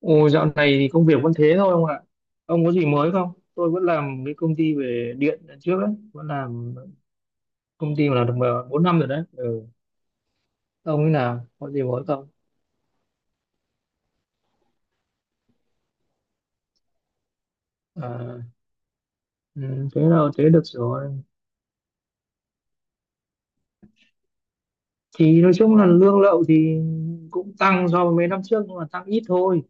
Ồ, dạo này thì công việc vẫn thế thôi ông ạ. Ông có gì mới không? Tôi vẫn làm cái công ty về điện lần trước ấy, vẫn làm công ty mà làm được 4 năm rồi đấy. Ừ. Ông ấy nào, có gì mới không? À, ừ, thế nào thế được rồi. Thì nói chung là lương lậu thì cũng tăng so với mấy năm trước nhưng mà tăng ít thôi.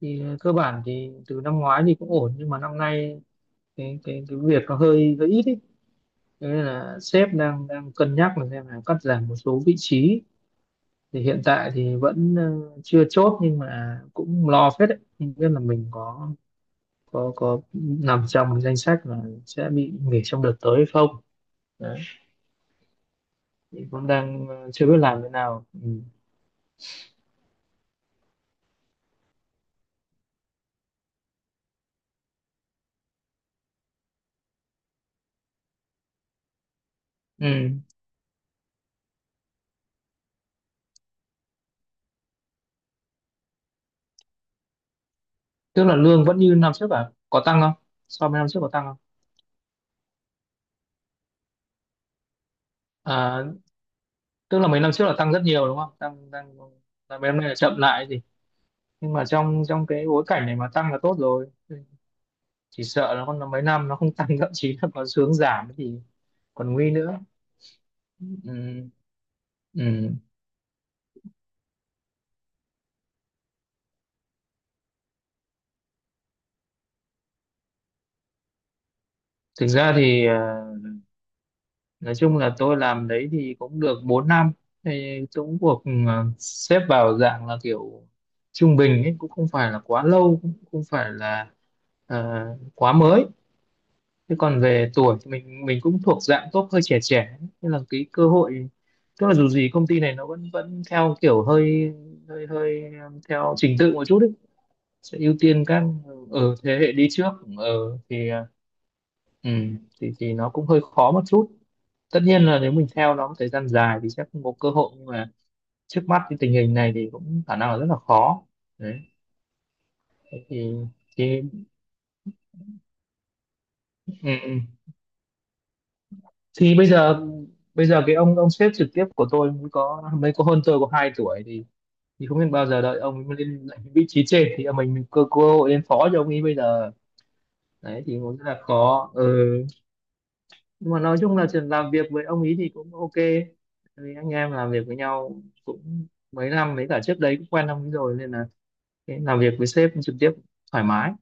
Thì cơ bản thì từ năm ngoái thì cũng ổn nhưng mà năm nay cái việc nó hơi hơi ít ấy. Thế nên là sếp đang đang cân nhắc là xem là cắt giảm một số vị trí thì hiện tại thì vẫn chưa chốt nhưng mà cũng lo phết đấy, không biết là mình có nằm trong danh sách là sẽ bị nghỉ trong đợt tới hay không đấy, thì cũng đang chưa biết làm thế nào. Ừ. Ừ. Tức là lương vẫn như năm trước à, có tăng không, so với năm trước có tăng không? À, tức là mấy năm trước là tăng rất nhiều đúng không, tăng tăng là mấy năm nay là chậm lại gì, nhưng mà trong trong cái bối cảnh này mà tăng là tốt rồi, chỉ sợ là còn mấy năm nó không tăng thậm chí là còn xuống giảm thì còn nguy nữa. Ừ, ừ. Thực ra thì nói chung là tôi làm đấy thì cũng được 4 năm thì cũng cuộc xếp vào dạng là kiểu trung bình ấy, cũng không phải là quá lâu cũng không phải là ờ, quá mới. Thế còn về tuổi thì mình cũng thuộc dạng top hơi trẻ trẻ nên là cái cơ hội tức là dù gì công ty này nó vẫn vẫn theo kiểu hơi hơi hơi theo trình tự một chút ấy, sẽ ưu tiên các ở thế hệ đi trước ở thì ừ, thì nó cũng hơi khó một chút. Tất nhiên là nếu mình theo nó một thời gian dài thì sẽ không có cơ hội, nhưng mà trước mắt cái tình hình này thì cũng khả năng là rất là khó đấy. Thế thì ừ, ừ. Thì bây giờ cái ông sếp trực tiếp của tôi mới có hơn tôi có 2 tuổi thì không biết bao giờ đợi ông ấy mới lên lại vị trí trên thì mình cơ cơ hội lên phó cho ông ấy bây giờ đấy thì cũng rất là khó. Ừ, nhưng mà nói chung là chuyện làm việc với ông ý thì cũng ok. Tại vì anh em làm việc với nhau cũng mấy năm, với cả trước đấy cũng quen ông ý rồi nên là cái làm việc với sếp trực tiếp thoải mái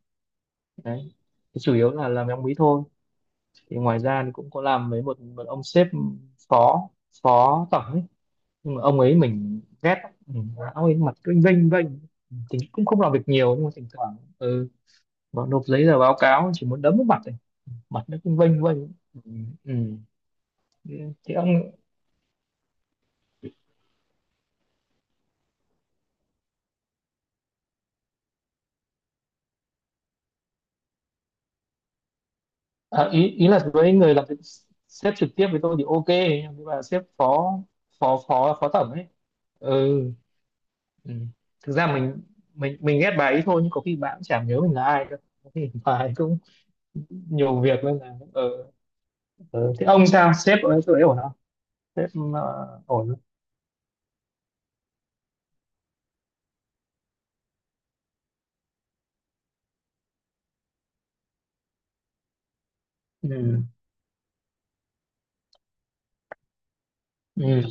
đấy. Thì chủ yếu là làm với ông ý thôi, thì ngoài ra thì cũng có làm với một ông sếp phó, phó tổng ấy, nhưng mà ông ấy mình ghét lắm. Ừ. Ông ấy mặt cứ vênh vênh, thì cũng không làm việc nhiều nhưng mà thỉnh thoảng vào nộp giấy tờ báo cáo chỉ muốn đấm vào mặt này, mặt nó cứ vênh vênh. Ừ. Ừ. Thế thì ông. À, ý ý là với người làm việc sếp trực tiếp với tôi thì ok nhưng mà sếp phó phó tổng ấy. Ừ, ừ. Thực ra mình ghét bà ấy thôi, nhưng có khi bà cũng chả nhớ mình là ai đâu, có khi bà ấy cũng nhiều việc nên là ừ. Ừ. Thế ông sao, sếp ở chỗ ấy ổn không, sếp ổn không? Ừ. Ừ.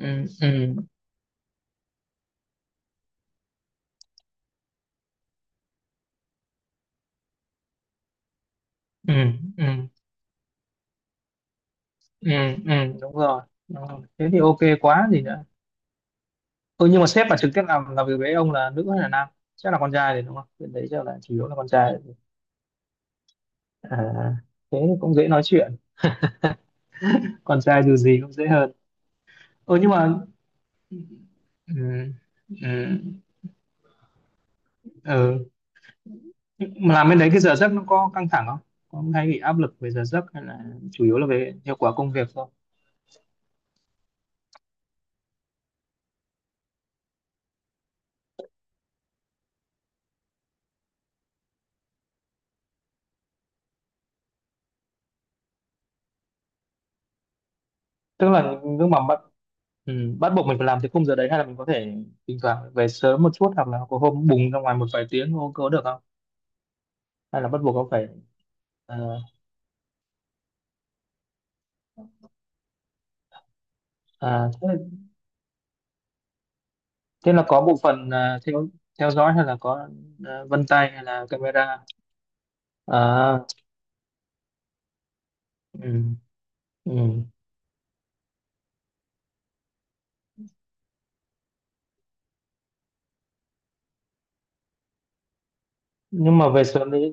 Ừ. Ừ. Ừ. Ừ. Ừ. Ừ. Đúng rồi. Đúng rồi, thế thì ok quá gì nữa. Ừ, nhưng mà sếp mà trực tiếp làm việc với ông là nữ hay là nam, chắc là con trai thì đúng không, bên đấy chắc là chủ yếu là con trai. À, thế thì cũng dễ nói chuyện, con trai dù gì cũng dễ hơn. Ừ nhưng mà ừ, ừ, ừ. Mà làm bên đấy cái giờ giấc nó có căng thẳng không, có hay bị áp lực về giờ giấc hay là chủ yếu là về hiệu quả công việc thôi, tức là lúc mà bắt ừ, bắt buộc mình phải làm tới khung giờ đấy hay là mình có thể thỉnh thoảng về sớm một chút hoặc là có hôm bùng ra ngoài một vài tiếng không, có được không, hay là bắt buộc ông phải ờ, à, thế. Thế là có bộ phận à, theo theo dõi hay là có à, vân tay hay là camera. À ừ, ừ. Nhưng mà về sớm đấy,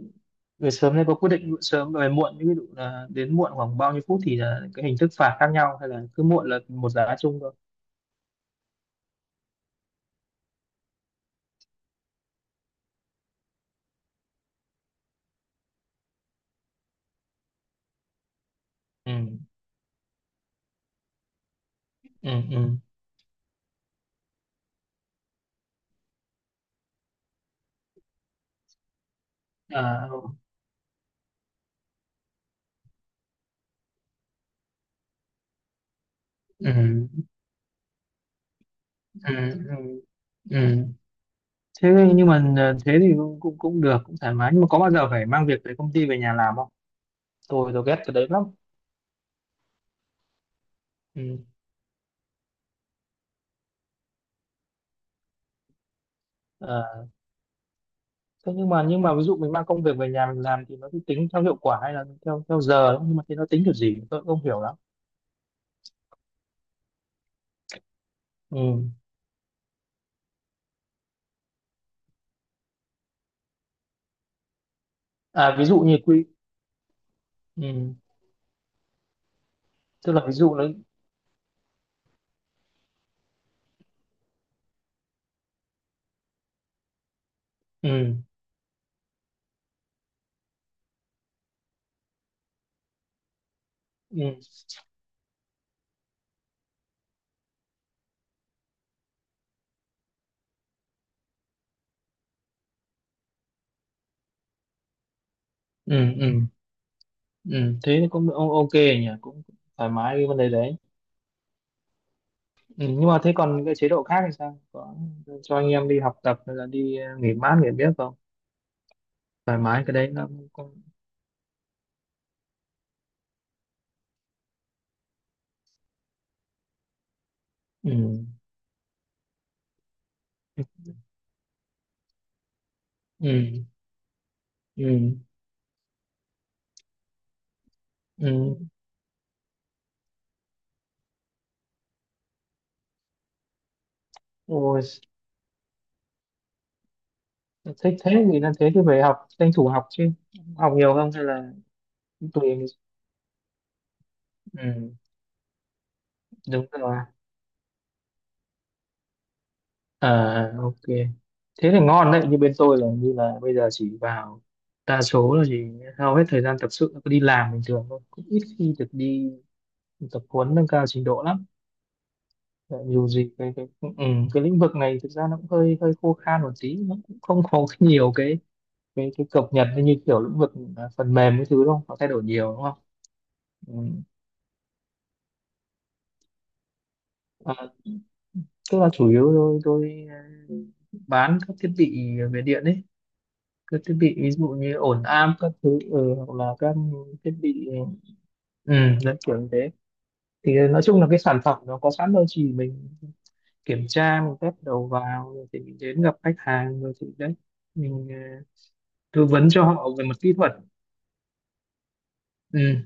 về sớm đấy có quyết định sớm và về muộn, ví dụ là đến muộn khoảng bao nhiêu phút thì là cái hình thức phạt khác nhau hay là cứ muộn là một giá chung thôi. Ừ ừ ừ à, ừ ừ ừ ừ. Thế nhưng mà à, thế thì cũng cũng cũng được, cũng thoải mái, nhưng mà có bao giờ phải mang việc về công ty về nhà làm không, tôi ghét cái đấy lắm. Ừ. À, thế nhưng mà ví dụ mình mang công việc về nhà mình làm thì nó sẽ tính theo hiệu quả hay là theo theo giờ không? Nhưng mà thế nó tính kiểu gì tôi cũng không hiểu lắm. Ừ. À ví dụ như quy. Ừ. Tức là ví dụ nó ừ. Ừ. Ừ. Ừ. Ừ. Thế thì cũng o- ok nhỉ, cũng thoải mái cái vấn đề đấy. Ừ. Nhưng mà thế còn cái chế độ khác thì sao, có cho anh em đi học tập hay là đi nghỉ mát nghỉ biết không, thoải mái cái đấy nó cũng ừ. Ừ. Ừ. Ừ. Ừ. Ôi thích thế, thì là thế thì phải học tranh thủ học chứ, học nhiều không hay là cũng tùy em. Ừ, đúng rồi. À ok, thế thì ngon đấy. Như bên tôi là như là bây giờ chỉ vào đa số là chỉ hầu hết thời gian tập sự là cứ đi làm bình thường thôi, cũng ít khi được đi tập huấn nâng cao trình độ lắm. Tại dù gì cái ừ, ừ, cái lĩnh vực này thực ra nó cũng hơi hơi khô khan một tí, nó cũng không có nhiều cái cập nhật như kiểu lĩnh vực à, phần mềm cái thứ đâu nó thay đổi nhiều đúng không. Ừ. Tức là chủ yếu tôi bán các thiết bị về điện ấy, các thiết bị ví dụ như ổn áp các thứ, ừ, hoặc là các thiết bị ừ, dân kiểu như thế. Thì nói chung là cái sản phẩm nó có sẵn rồi, chỉ mình kiểm tra mình test đầu vào rồi thì mình đến gặp khách hàng rồi thì đấy mình tư vấn cho họ về mặt kỹ thuật. Ừ,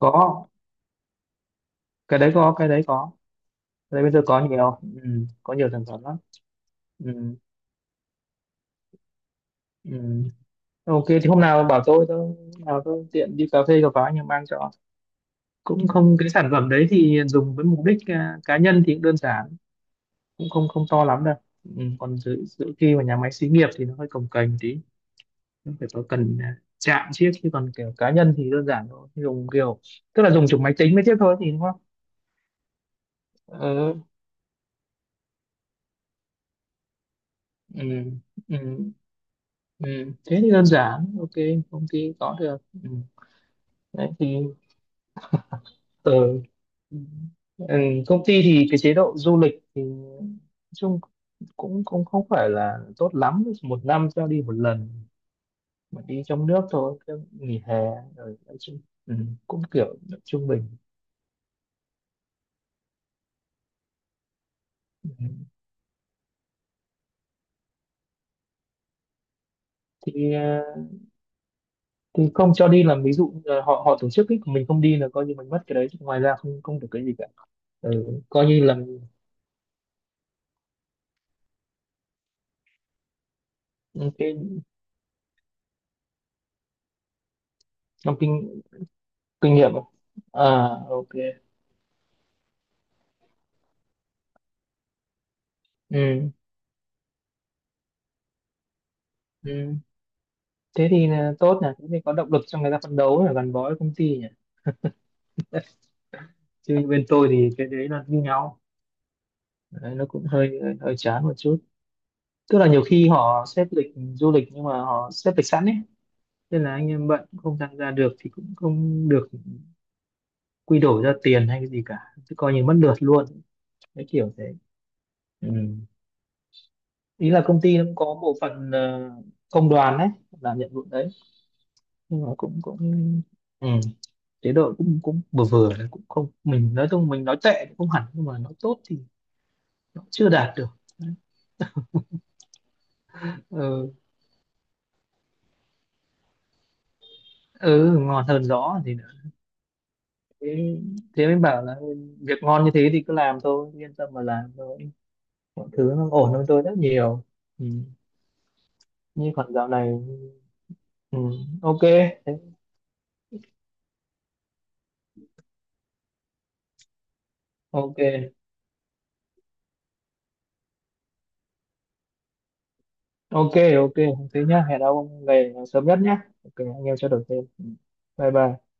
có, cái đấy có, cái đấy có, cái đấy bây giờ có nhiều, ừ, có nhiều sản phẩm lắm. Ừ, ừ. Ok, thì hôm nào bảo tôi hôm nào tôi tiện đi cà phê cà pháo nhưng mang cho, cũng không cái sản phẩm đấy thì dùng với mục đích à, cá nhân thì cũng đơn giản, cũng không không to lắm đâu. Ừ, còn giữ giữ khi mà nhà máy xí nghiệp thì nó hơi cồng kềnh tí, nó phải có cần à, chạm chiếc, chứ còn kiểu cá nhân thì đơn giản thôi, dùng kiểu tức là dùng chụp máy tính mới tiếp thôi thì đúng không. Ừ, ừ, ừ, ừ. Thế thì đơn giản ok, công ty có được. Ừ. Đấy thì ừ. Ừ. Ừ, công ty thì cái chế độ du lịch thì nói chung cũng cũng không phải là tốt lắm, một năm cho đi một lần mà đi trong nước thôi cái nghỉ hè rồi, nói chung ừ, cũng kiểu trung bình. Ừ. Thì ờ, thì không cho đi là ví dụ như là họ họ tổ chức ấy, còn mình không đi là coi như mình mất cái đấy, chứ ngoài ra không, không được cái gì cả. Ừ, coi như là cái trong kinh kinh nghiệm. À ok. Ừ. Ừ. Thế thì là tốt nhỉ, thế thì có động lực cho người ta phấn đấu và gắn bó với công ty nhỉ, chứ như bên tôi thì cái đấy là như nhau đấy, nó cũng hơi hơi chán một chút. Tức là nhiều khi họ xếp lịch du lịch nhưng mà họ xếp lịch sẵn ấy, nên là anh em bận không tham gia được thì cũng không được quy đổi ra tiền hay cái gì cả, cứ coi như mất lượt luôn, cái kiểu thế. Ừ. Ý là công ty nó cũng có bộ phận công đoàn đấy làm nhiệm vụ đấy, nhưng mà cũng cũng ừ. Chế độ cũng cũng vừa vừa đấy, cũng không, mình nói chung mình nói tệ cũng không hẳn nhưng mà nói tốt thì nó chưa đạt được. Ừ, ừ ngon hơn rõ thì nữa. Thế, thế mới bảo là việc ngon như thế thì cứ làm thôi, yên tâm mà làm thôi, mọi thứ nó ổn hơn tôi rất nhiều. Ừ. Như còn dạo này ừ. Ok. Thế- ok ok ok, thế nhá, hẹn ông về sớm nhất nhá, ok anh em trao đổi thêm. Ừ. Bye bye.